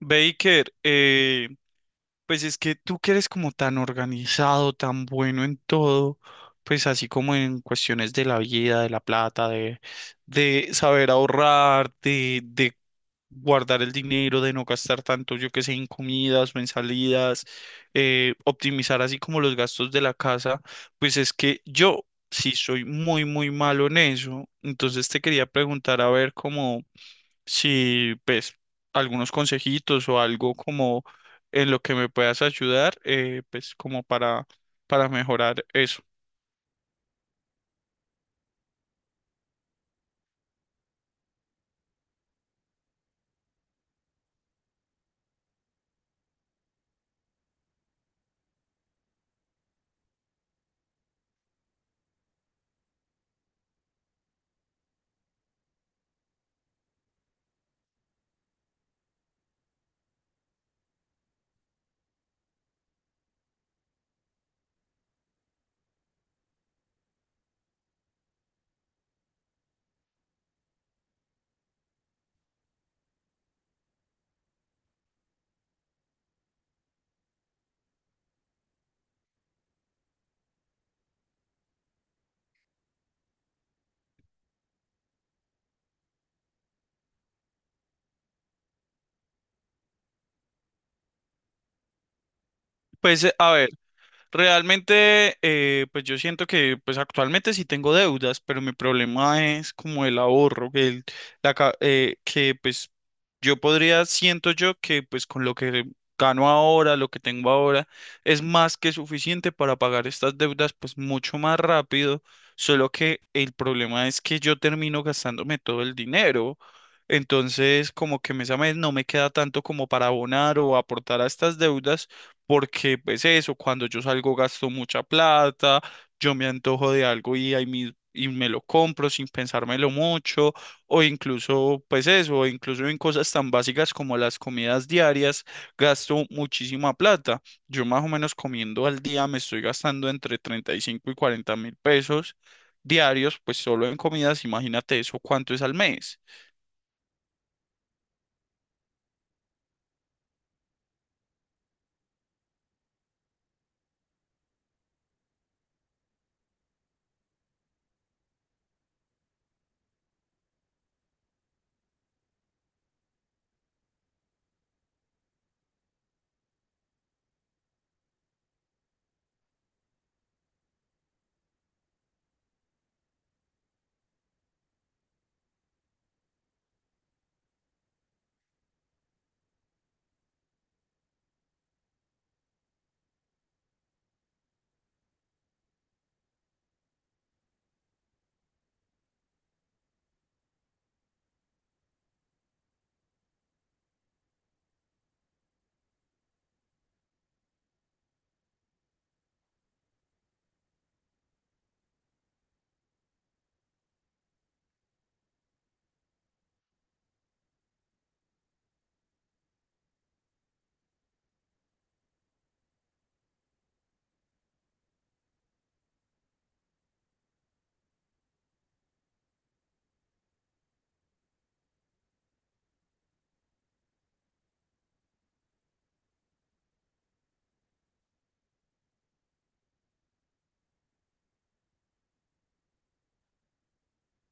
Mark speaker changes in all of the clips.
Speaker 1: Baker, pues es que tú que eres como tan organizado, tan bueno en todo, pues así como en cuestiones de la vida, de la plata, de saber ahorrar, de guardar el dinero, de no gastar tanto, yo que sé, en comidas o en salidas, optimizar así como los gastos de la casa, pues es que yo sí soy muy, muy malo en eso. Entonces te quería preguntar a ver cómo si pues algunos consejitos o algo como en lo que me puedas ayudar, pues como para mejorar eso. Pues a ver. Realmente, pues yo siento que pues actualmente sí tengo deudas, pero mi problema es como el ahorro, que, el- la, ca- que pues yo podría, siento yo que pues con lo que gano ahora, lo que tengo ahora, es más que suficiente para pagar estas deudas pues mucho más rápido, solo que el problema es que yo termino gastándome todo el dinero. Entonces, como que mes a mes no me queda tanto como para abonar o aportar a estas deudas porque pues eso, cuando yo salgo gasto mucha plata, yo me antojo de algo y ahí y me lo compro sin pensármelo mucho, o incluso pues eso, o incluso en cosas tan básicas como las comidas diarias, gasto muchísima plata. Yo más o menos comiendo al día me estoy gastando entre 35 y 40 mil pesos diarios, pues solo en comidas, imagínate eso, ¿cuánto es al mes?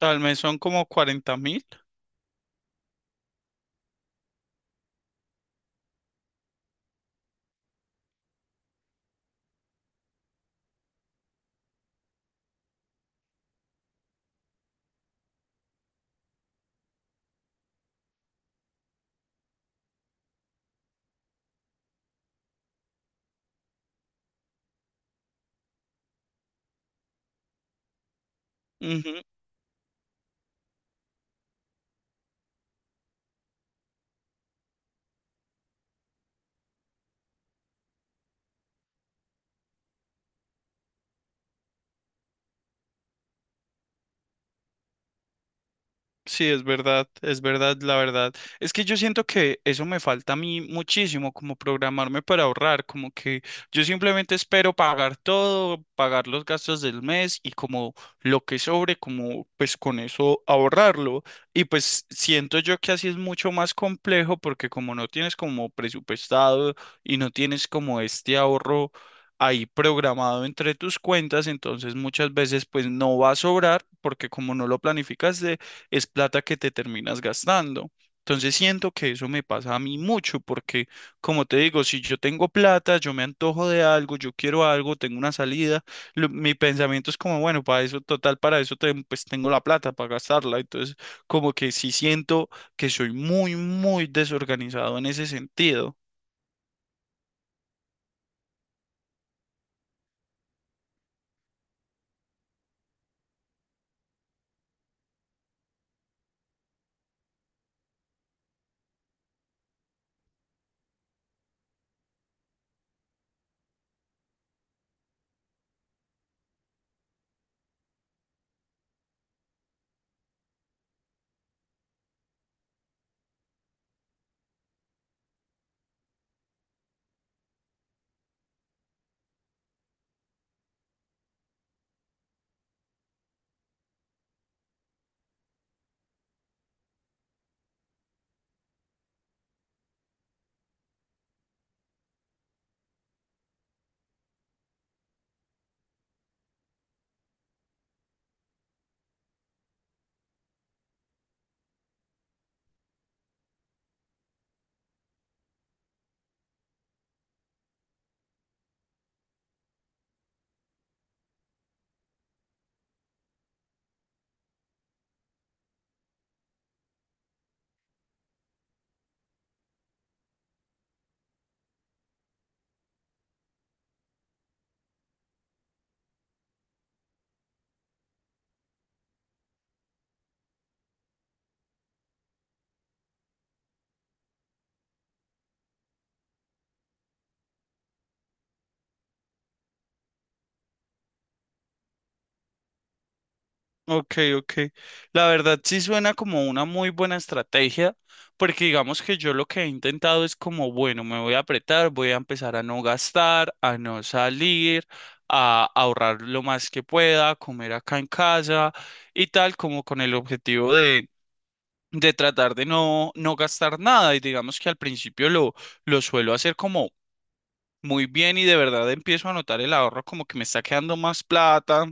Speaker 1: Al mes son como 40 mil. Sí, es verdad, la verdad. Es que yo siento que eso me falta a mí muchísimo, como programarme para ahorrar, como que yo simplemente espero pagar todo, pagar los gastos del mes y como lo que sobre, como pues con eso ahorrarlo. Y pues siento yo que así es mucho más complejo porque como no tienes como presupuestado y no tienes como este ahorro ahí programado entre tus cuentas, entonces muchas veces pues no va a sobrar porque como no lo planificas es plata que te terminas gastando. Entonces siento que eso me pasa a mí mucho porque, como te digo, si yo tengo plata, yo me antojo de algo, yo quiero algo, tengo una salida, mi pensamiento es como, bueno, para eso, total, para eso pues tengo la plata para gastarla. Entonces, como que sí siento que soy muy, muy desorganizado en ese sentido. Ok, ok. La verdad sí suena como una muy buena estrategia, porque digamos que yo lo que he intentado es como, bueno, me voy a apretar, voy a empezar a no gastar, a no salir, a ahorrar lo más que pueda, a comer acá en casa y tal, como con el objetivo de, tratar de no, no gastar nada. Y digamos que al principio lo suelo hacer como muy bien y de verdad empiezo a notar el ahorro como que me está quedando más plata,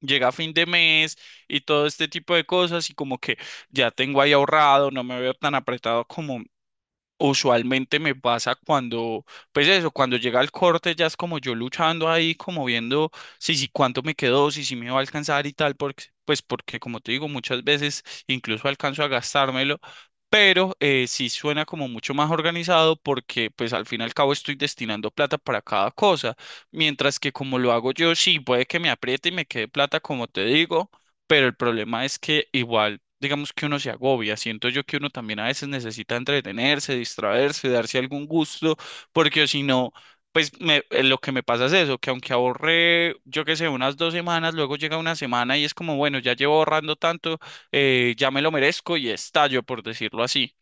Speaker 1: llega fin de mes y todo este tipo de cosas y como que ya tengo ahí ahorrado, no me veo tan apretado como usualmente me pasa cuando, pues eso, cuando llega el corte ya es como yo luchando ahí, como viendo si cuánto me quedó, si me va a alcanzar y tal, porque, pues porque como te digo, muchas veces incluso alcanzo a gastármelo, pero sí suena como mucho más organizado porque pues al fin y al cabo estoy destinando plata para cada cosa, mientras que como lo hago yo, sí, puede que me apriete y me quede plata, como te digo, pero el problema es que igual, digamos que uno se agobia, siento yo que uno también a veces necesita entretenerse, distraerse, darse algún gusto, porque si no, pues lo que me pasa es eso, que aunque ahorré, yo qué sé, unas dos semanas, luego llega una semana y es como, bueno, ya llevo ahorrando tanto, ya me lo merezco y estallo, por decirlo así.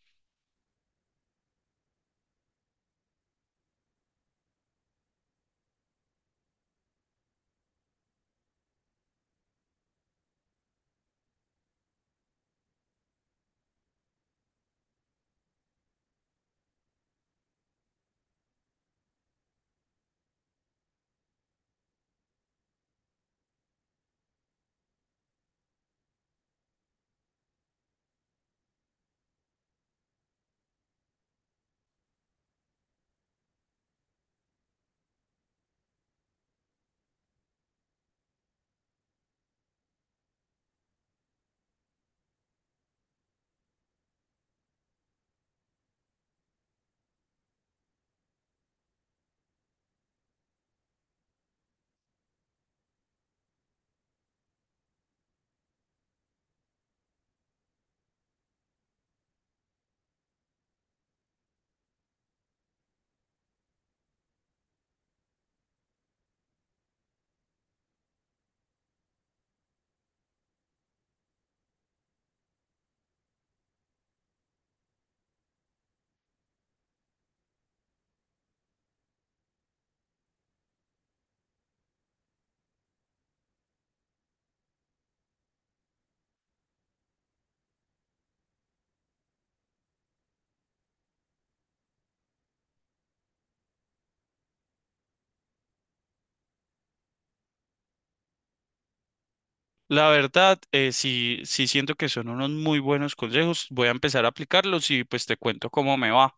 Speaker 1: La verdad, sí, sí siento que son unos muy buenos consejos, voy a empezar a aplicarlos y pues te cuento cómo me va.